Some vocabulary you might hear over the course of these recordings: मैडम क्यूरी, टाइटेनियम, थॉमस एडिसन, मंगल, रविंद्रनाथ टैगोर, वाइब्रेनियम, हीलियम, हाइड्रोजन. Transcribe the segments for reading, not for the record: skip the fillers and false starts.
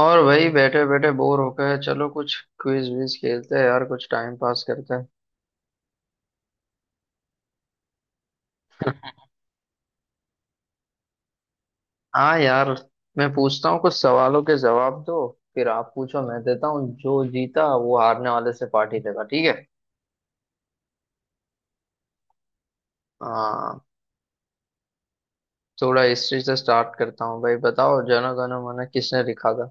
और वही बैठे बैठे बोर हो गए। चलो कुछ क्विज विज खेलते हैं यार, कुछ टाइम पास करते हैं। हाँ यार। मैं पूछता हूँ, कुछ सवालों के जवाब दो। फिर आप पूछो, मैं देता हूँ। जो जीता वो हारने वाले से पार्टी देगा, ठीक है? हाँ। थोड़ा हिस्ट्री से स्टार्ट करता हूँ भाई। बताओ, जन गण मन किसने लिखा था?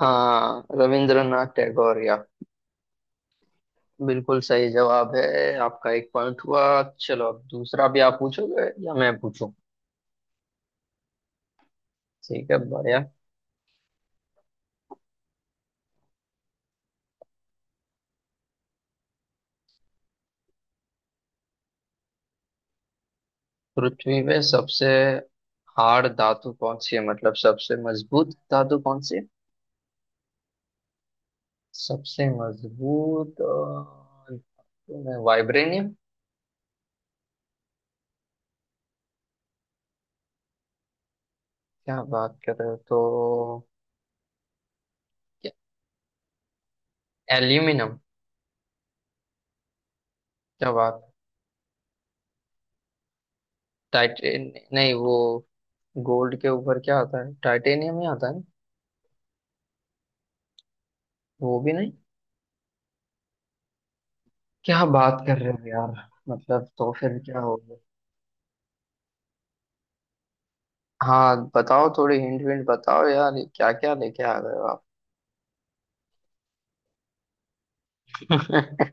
हाँ, रविंद्रनाथ टैगोर? या बिल्कुल सही जवाब है। आपका 1 पॉइंट हुआ। चलो, अब दूसरा भी आप पूछोगे या मैं पूछूं? ठीक है, बढ़िया। पृथ्वी में सबसे हार्ड धातु कौन सी है? मतलब सबसे मजबूत धातु कौन सी है? सबसे मजबूत धातु में वाइब्रेनियम। क्या बात कर रहे हो तो। क्या- एल्यूमिनियम। क्या बात। टाइटेन नहीं, वो गोल्ड के ऊपर क्या आता है? टाइटेनियम ही आता है ना? वो भी नहीं? क्या बात कर रहे हो यार। मतलब तो फिर क्या हो गया। हाँ बताओ, थोड़ी हिंट विंट बताओ यार। क्या क्या लेके आ गए हो आप।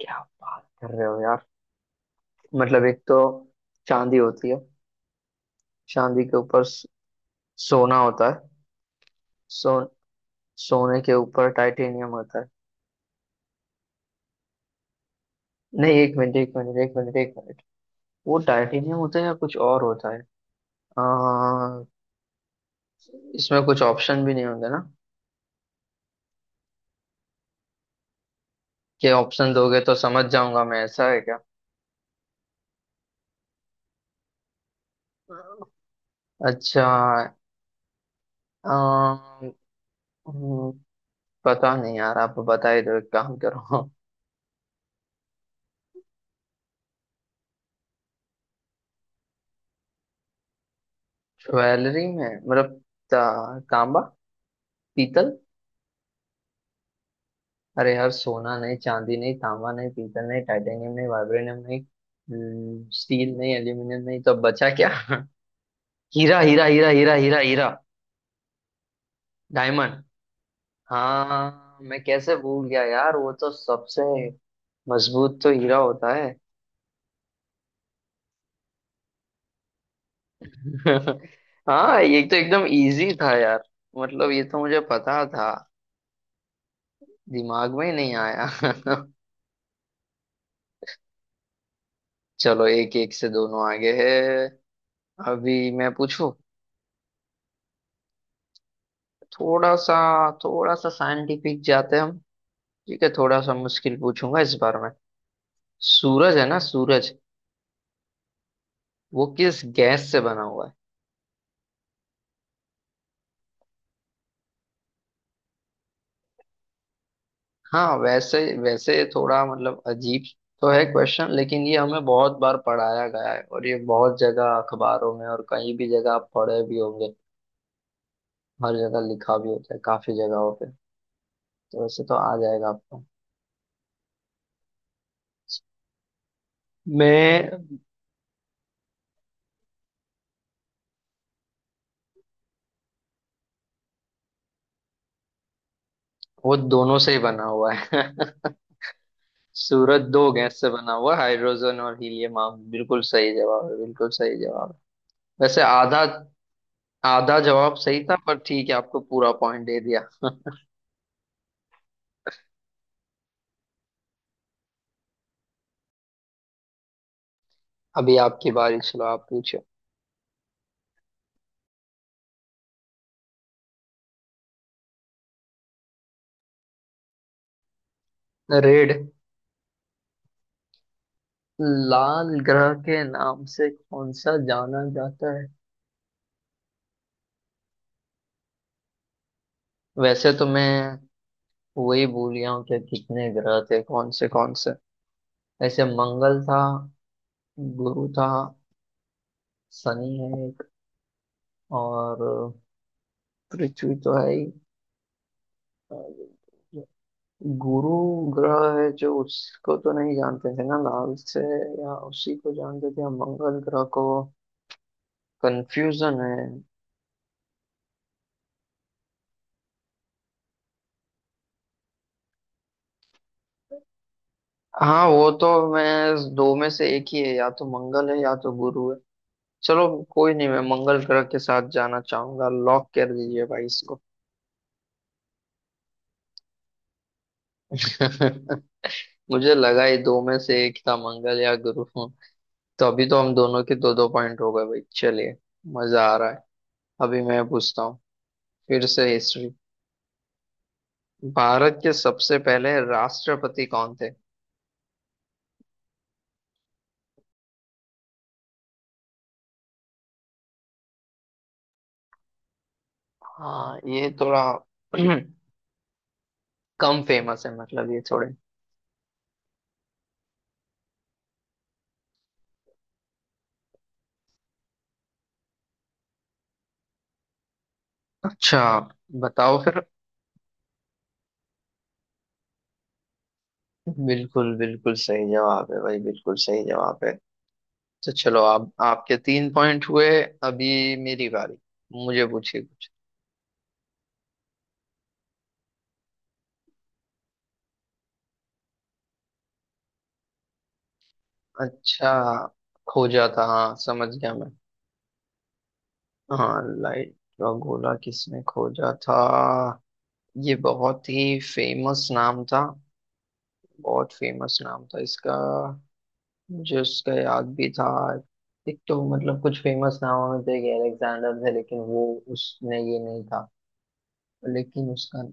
क्या बात कर रहे हो यार। मतलब एक तो चांदी होती है, चांदी के ऊपर सोना होता है। सो सोने के ऊपर टाइटेनियम होता है। नहीं, 1 मिनट, 1 मिनट, 1 मिनट, 1 मिनट वो टाइटेनियम होता है या कुछ और होता है? आ, इसमें कुछ ऑप्शन भी नहीं होंगे ना? कि ऑप्शन दोगे तो समझ जाऊंगा मैं। ऐसा है क्या? अच्छा। आ, हम्म, पता नहीं यार, आप बता ही दो, एक काम करो। ज्वेलरी में मतलब तांबा? पीतल? अरे यार, सोना नहीं, चांदी नहीं, तांबा नहीं, पीतल नहीं, टाइटेनियम नहीं, वाइब्रेनियम नहीं, स्टील नहीं, एल्यूमिनियम नहीं, तो बचा क्या? हीरा, हीरा, हीरा, हीरा, हीरा, हीरा। डायमंड। हाँ, मैं कैसे भूल गया यार, वो तो सबसे मजबूत तो हीरा होता है। हाँ, ये तो एकदम इजी था यार। मतलब ये तो मुझे पता था, दिमाग में ही नहीं आया। चलो, एक एक से दोनों आगे है। अभी मैं पूछूं। थोड़ा सा, थोड़ा सा साइंटिफिक जाते हैं हम। ठीक है, थोड़ा सा मुश्किल पूछूंगा इस बार में। सूरज है ना सूरज, वो किस गैस से बना हुआ है? हाँ, वैसे वैसे थोड़ा मतलब अजीब तो है क्वेश्चन, लेकिन ये हमें बहुत बार पढ़ाया गया है, और ये बहुत जगह अखबारों में और कहीं भी जगह आप पढ़े भी होंगे। हर जगह लिखा भी होता है काफी जगहों पे, तो वैसे तो आ जाएगा आपको। मैं, वो दोनों से ही बना हुआ है। सूरज दो गैस से बना हुआ है, हाइड्रोजन और हीलियम। आप बिल्कुल सही जवाब है, बिल्कुल सही जवाब है। वैसे आधा, आधा जवाब सही था, पर ठीक है, आपको पूरा पॉइंट दे दिया। अभी आपकी बारी, चलो आप पूछो। रेड, लाल ग्रह के नाम से कौन सा जाना जाता है? वैसे तो मैं वही भूल गया हूँ कि कितने ग्रह थे, कौन से कौन से। ऐसे मंगल था, गुरु था, शनि है एक, और पृथ्वी तो है ही। गुरु ग्रह है जो, उसको तो नहीं जानते थे ना लाल से, या उसी को जानते थे या मंगल ग्रह को, कंफ्यूजन है। हाँ वो तो, मैं दो में से एक ही है, या तो मंगल है या तो गुरु है। चलो, कोई नहीं, मैं मंगल ग्रह के साथ जाना चाहूंगा, लॉक कर दीजिए भाई इसको। मुझे लगा ही दो में से एक था, मंगल या गुरु। तो अभी तो हम दोनों के दो दो पॉइंट हो गए भाई, चलिए। मजा आ रहा है। अभी मैं पूछता हूँ, फिर से हिस्ट्री। भारत के सबसे पहले राष्ट्रपति कौन थे? हाँ, ये थोड़ा कम फेमस है, मतलब ये थोड़े। अच्छा, बताओ फिर। बिल्कुल, बिल्कुल सही जवाब है भाई, बिल्कुल सही जवाब है। तो चलो आप, आपके 3 पॉइंट हुए। अभी मेरी बारी, मुझे पूछिए कुछ। अच्छा, खोजा था, हाँ समझ गया मैं। हाँ, लाइट का गोला किसने खोजा था? ये बहुत ही फेमस नाम था, बहुत फेमस नाम था इसका, मुझे उसका याद भी था। एक तो मतलब कुछ फेमस नामों में से, एक अलेक्जेंडर थे, लेकिन वो, उसने ये नहीं था, लेकिन उसका।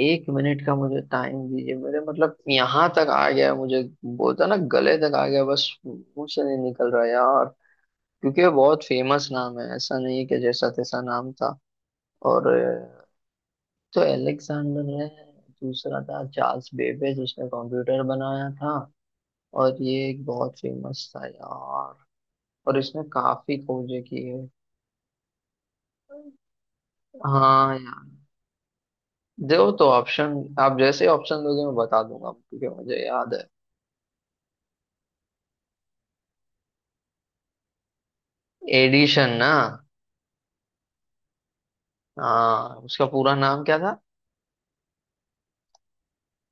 एक मिनट का मुझे टाइम दीजिए, मेरे, मतलब यहाँ तक आ गया मुझे, बोलता ना, गले तक आ गया बस, मुंह से नहीं निकल रहा यार। क्योंकि वो बहुत फेमस नाम है, ऐसा नहीं है कि जैसा तैसा नाम था। और तो अलेक्सेंडर है, दूसरा था चार्ल्स बेबेज जिसने कंप्यूटर बनाया था, और ये एक बहुत फेमस था यार, और इसने काफी खोजें की है। हाँ यार, दो तो ऑप्शन, आप जैसे ऑप्शन दोगे मैं बता दूंगा, क्योंकि मुझे याद है। एडिशन ना? हाँ, उसका पूरा नाम क्या था?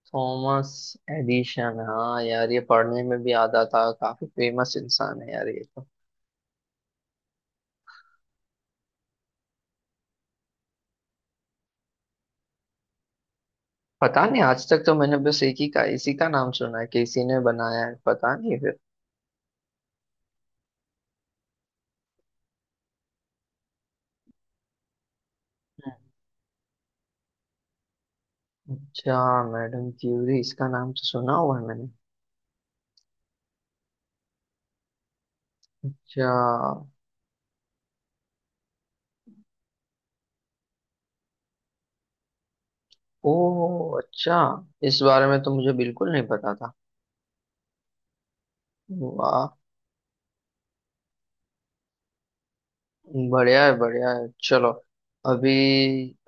थॉमस एडिशन, हाँ यार, ये पढ़ने में भी आता था, काफी फेमस इंसान है यार ये तो। पता नहीं, आज तक तो मैंने बस एक ही का, इसी का नाम सुना है। किसी ने बनाया है पता नहीं फिर। अच्छा। मैडम क्यूरी, इसका नाम तो सुना हुआ है मैंने। अच्छा। ओ। अच्छा, इस बारे में तो मुझे बिल्कुल नहीं पता था। वाह, बढ़िया है, बढ़िया है, चलो। अभी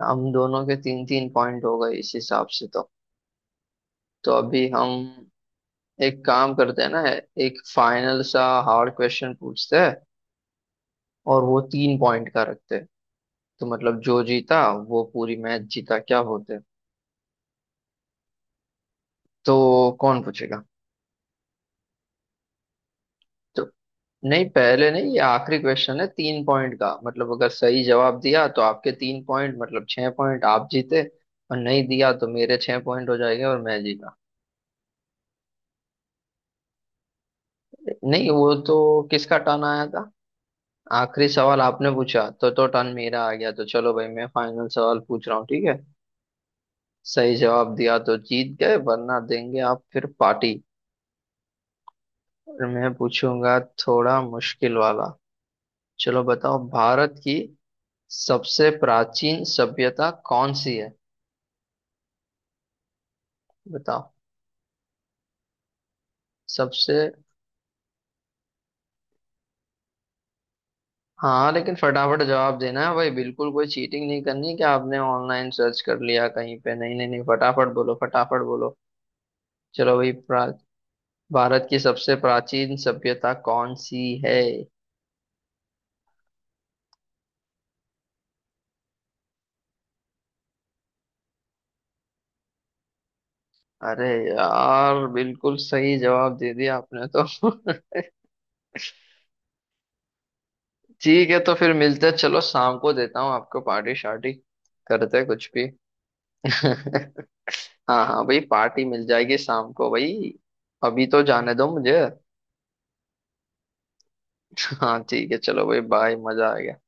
हम दोनों के तीन तीन पॉइंट हो गए इस हिसाब से तो। तो अभी हम एक काम करते हैं ना, एक फाइनल सा हार्ड क्वेश्चन पूछते हैं, और वो तीन पॉइंट का रखते हैं। तो मतलब जो जीता वो पूरी मैच जीता, क्या होते हैं। तो कौन पूछेगा? तो नहीं, पहले नहीं, ये आखिरी क्वेश्चन है 3 पॉइंट का। मतलब अगर सही जवाब दिया तो आपके 3 पॉइंट, मतलब 6 पॉइंट, आप जीते। और नहीं दिया तो मेरे 6 पॉइंट हो जाएंगे, और मैं जीता। नहीं वो तो, किसका टर्न आया था? आखिरी सवाल आपने पूछा, तो टर्न मेरा आ गया। तो चलो भाई मैं फाइनल सवाल पूछ रहा हूँ, ठीक है? सही जवाब दिया तो जीत गए, वरना देंगे आप फिर पार्टी। और मैं पूछूंगा थोड़ा मुश्किल वाला। चलो बताओ, भारत की सबसे प्राचीन सभ्यता कौन सी है? बताओ, सबसे। हाँ, लेकिन फटाफट जवाब देना है भाई, बिल्कुल कोई चीटिंग नहीं करनी कि आपने ऑनलाइन सर्च कर लिया कहीं पे, नहीं नहीं नहीं, फटाफट बोलो, फटाफट बोलो। चलो भाई, प्रा भारत की सबसे प्राचीन सभ्यता कौन सी है? अरे यार, बिल्कुल सही जवाब दे दिया आपने तो। ठीक है तो फिर मिलते हैं। चलो शाम को देता हूँ आपको पार्टी शार्टी, करते हैं कुछ भी। हाँ हाँ भाई, पार्टी मिल जाएगी शाम को भाई। अभी तो जाने दो मुझे। हाँ ठीक है, चलो भाई बाय, मजा आ गया।